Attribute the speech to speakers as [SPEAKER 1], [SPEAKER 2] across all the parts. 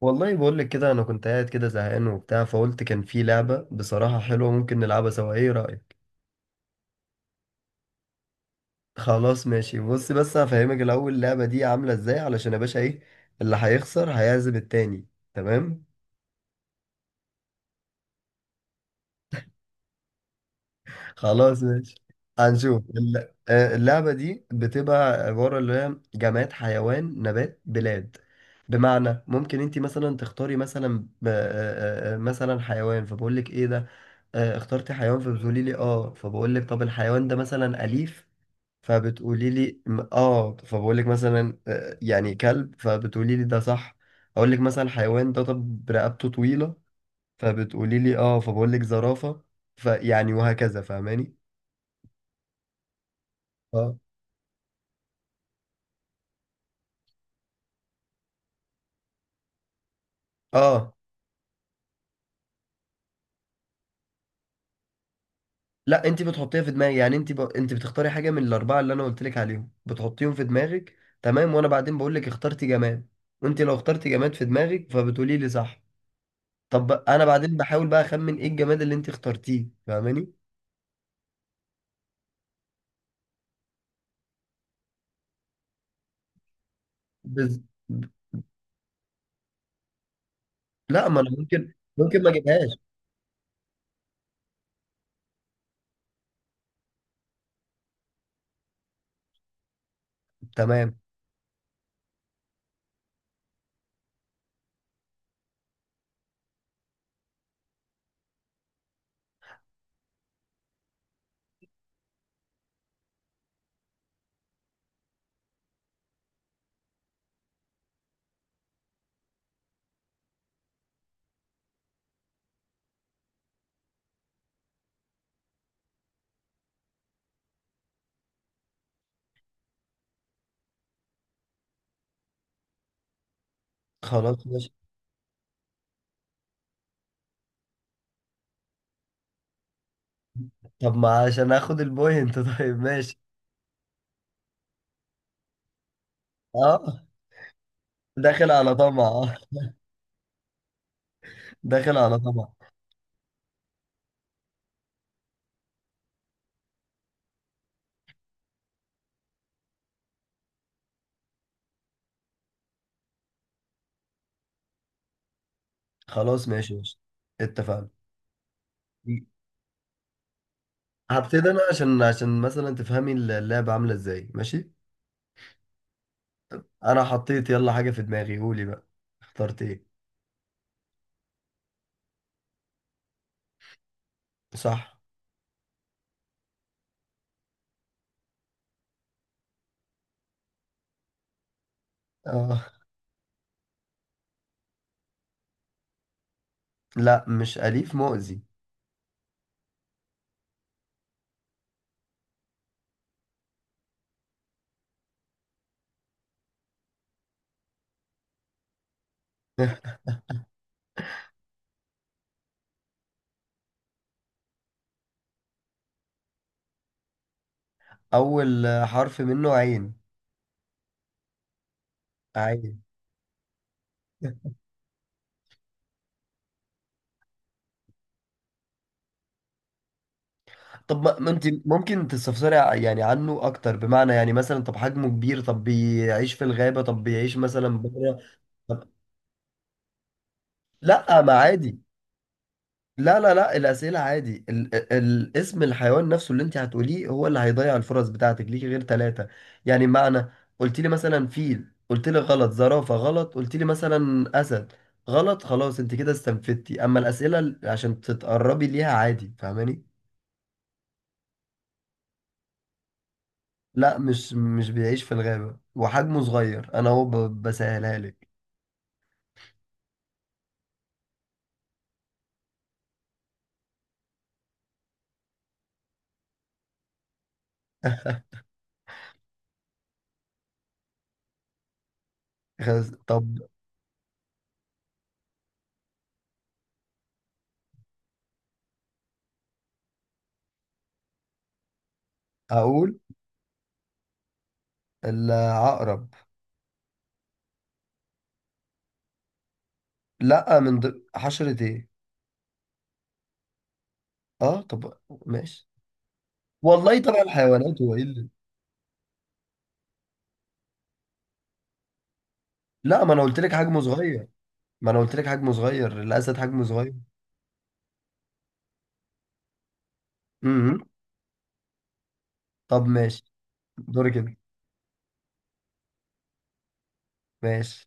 [SPEAKER 1] والله بقول لك كده انا كنت قاعد كده زهقان وبتاع، فقلت كان في لعبة بصراحة حلوة ممكن نلعبها سوا، ايه رأيك؟ خلاص ماشي، بص بس هفهمك الاول اللعبة دي عاملة ازاي، علشان يا باشا ايه اللي هيخسر هيعزم التاني. تمام. خلاص ماشي. هنشوف الل- آه، اللعبة دي بتبقى عبارة اللي هي جماد حيوان نبات بلاد. بمعنى ممكن انت مثلا تختاري مثلا مثلا حيوان، فبقول لك ايه ده. اخترتي حيوان فبتقولي لي اه، فبقول لك طب الحيوان ده مثلا أليف، فبتقولي لي اه، فبقول لك مثلا يعني كلب، فبتقولي لي ده صح. اقول لك مثلا الحيوان ده طب رقبته طويلة، فبتقولي لي اه، فبقول لك زرافة. فيعني وهكذا، فاهماني؟ اه. اه. لا، انت بتحطيها في دماغك، يعني انت بتختاري حاجة من الأربعة اللي انا قلت لك عليهم، بتحطيهم في دماغك تمام، وانا بعدين بقول لك اخترتي جماد. وانت لو اخترتي جماد في دماغك فبتقولي لي صح. طب انا بعدين بحاول بقى اخمن ايه الجماد اللي انت اخترتيه، فاهماني؟ بز... لا، ما انا ممكن ما اجيبهاش. تمام. خلاص ماشي. طب ما عشان اخد البوينت. طيب ماشي. اه. داخل على طمع، اه. داخل على طمع. خلاص ماشي. اتفقنا. هبتدي انا، عشان مثلا تفهمي اللعبة عاملة ازاي، ماشي. انا حطيت يلا حاجة في دماغي، قولي بقى اخترت ايه. صح. اه. لا مش اليف، مؤذي. اول حرف منه عين. عادي. طب ما انت ممكن تستفسري يعني عنه اكتر، بمعنى يعني مثلا طب حجمه كبير، طب بيعيش في الغابة، طب بيعيش مثلا بره. طب. لا ما عادي. لا الأسئلة عادي، ال الاسم الحيوان نفسه اللي انت هتقوليه هو اللي هيضيع الفرص بتاعتك، ليكي غير ثلاثة. يعني معنى قلت لي مثلا فيل قلت لي غلط، زرافة غلط، قلت لي مثلا أسد غلط، خلاص انت كده استنفدتي. اما الأسئلة عشان تتقربي ليها عادي، فاهماني؟ لا مش بيعيش في الغابة، وحجمه صغير، انا هو بسهلها لك. خلاص، طب. اقول العقرب. لا من حشرة ايه. اه طب ماشي. والله طبعا الحيوانات هو ايه اللي. لا ما انا قلت لك حجمه صغير. ما انا قلت لك حجمه صغير، الاسد حجمه صغير. امم طب ماشي. دوري كده. ماشي.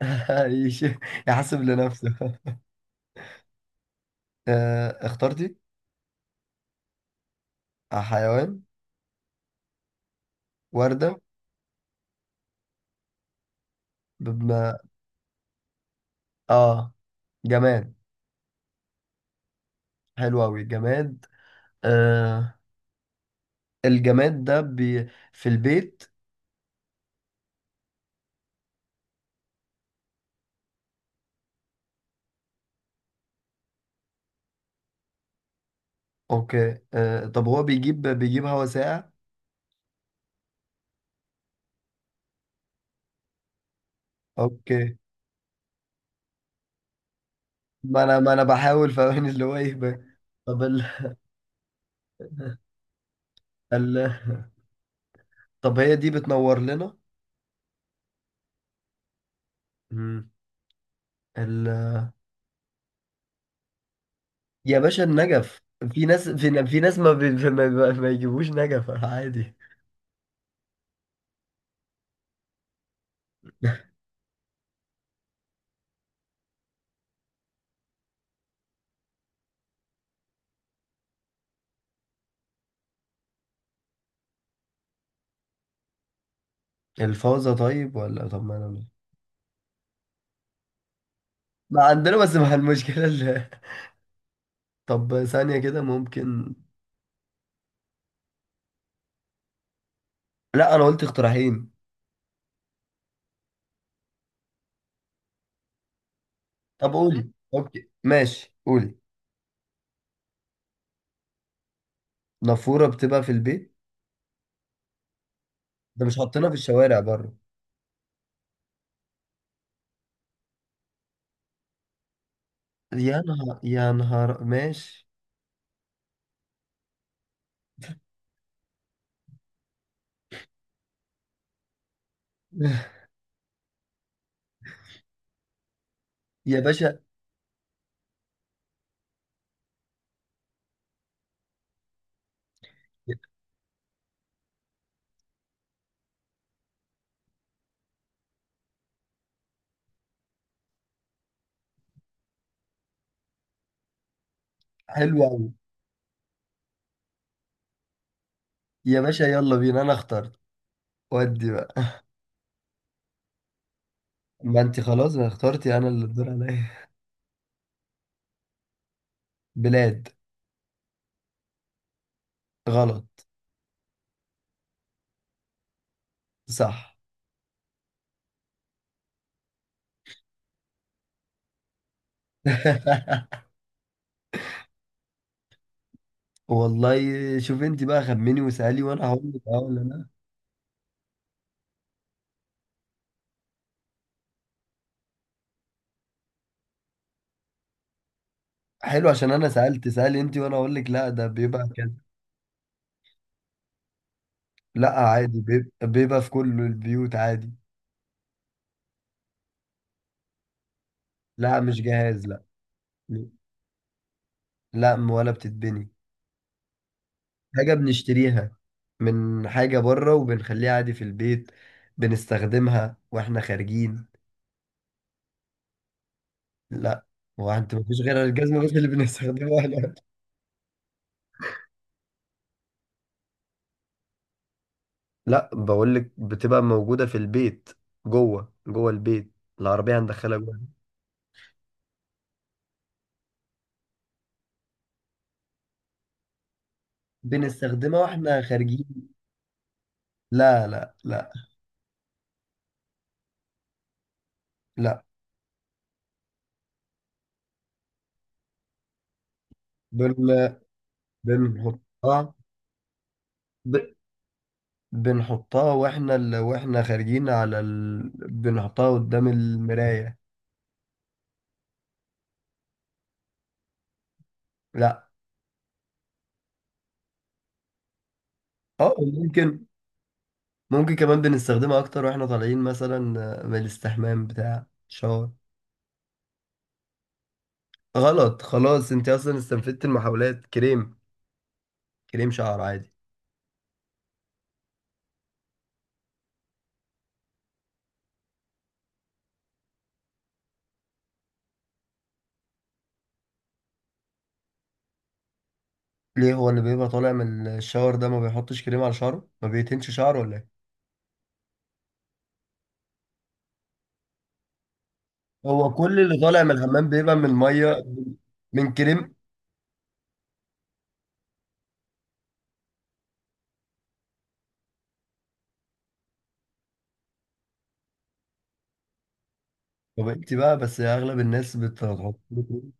[SPEAKER 1] يش- يحسب لنفسه. اخترتي حيوان؟ وردة؟ بم... اه. جماد. حلو أوي، جماد. آه. الجماد ده بي في البيت. اوكي. آه طب هو بيجيب، بيجيب هوا ساقع. اوكي. ما انا بحاول فاهم اللي هو ايه بقى. طب ال... ال... طب هي دي بتنور لنا. مم. ال... يا باشا النجف. في ناس في, في ناس ما, بي... ما يجيبوش نجف عادي. الفوزة؟ طيب ولا طب ما انا، ما عندنا بس مع المشكلة اللي... طب ثانية كده ممكن. لا انا قلت اقتراحين. طب قولي. اوكي ماشي، قولي. نافورة بتبقى في البيت؟ ده مش حاطينها في الشوارع بره. يا نهار، يا نهار، ماشي. يا باشا. حلو قوي. يا باشا يلا بينا. انا اخترت ودي بقى. ما انت خلاص، انا اخترتي، انا اللي الدور عليا. بلاد. غلط. صح. والله. شوف انت بقى خمني وسألي، وانا هقول لك اه ولا لا. حلو، عشان انا سألت. سألي انت وانا اقول لك لا، ده بيبقى كده. لا عادي، بيبقى في كل البيوت عادي. لا مش جهاز، لا. لا ولا بتتبني. حاجة بنشتريها من حاجة بره وبنخليها عادي في البيت. بنستخدمها واحنا خارجين. لا. هو انت مفيش غير الجزمة بس اللي بنستخدمها احنا؟ لا بقول لك بتبقى موجودة في البيت، جوه جوه البيت. العربية هندخلها جوه. بنستخدمها واحنا خارجين. لا. لا بن بنحطها. ب... بنحطها واحنا واحنا خارجين بنحطها قدام المراية. لا. اه ممكن. ممكن كمان بنستخدمها اكتر واحنا طالعين، مثلا من الاستحمام بتاع شاور. غلط، خلاص انت اصلا استنفدت المحاولات. كريم. كريم شعر عادي. ليه، هو اللي بيبقى طالع من الشاور ده ما بيحطش كريم على شعره، ما بيتنش شعره ولا ايه؟ هو كل اللي طالع من الحمام بيبقى من ميه، من كريم. طب انت بقى، بس اغلب الناس بتحط كريم.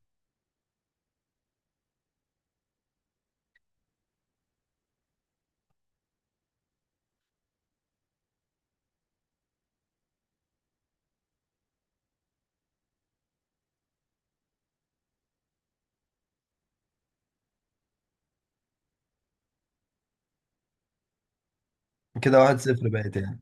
[SPEAKER 1] كده واحد صفر بقت يعني.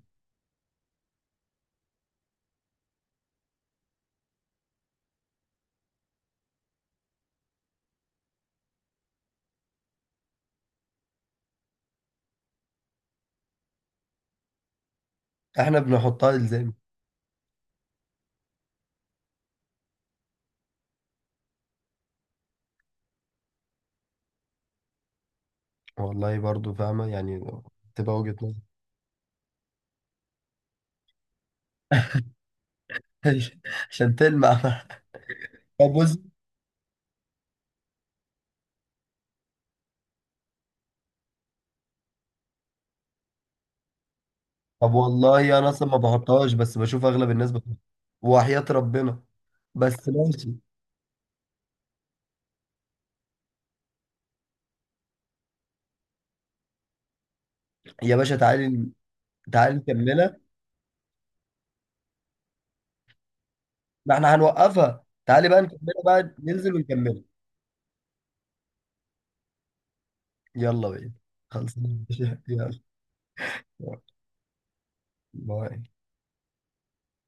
[SPEAKER 1] احنا بنحطها الزام. والله برضو فاهمه يعني. تبقى وجهة نظر. عشان تلمع. طب بص. طب والله انا اصلا ما بحطهاش، بس بشوف اغلب الناس بتحط. وحياة ربنا. بس ماشي. يا باشا تعالي. تعالي نكملها. ما احنا هنوقفها، تعالي بقى نكملها بقى، ننزل ونكملها. يلا بينا. خلصنا يا باشا. يلا. باي.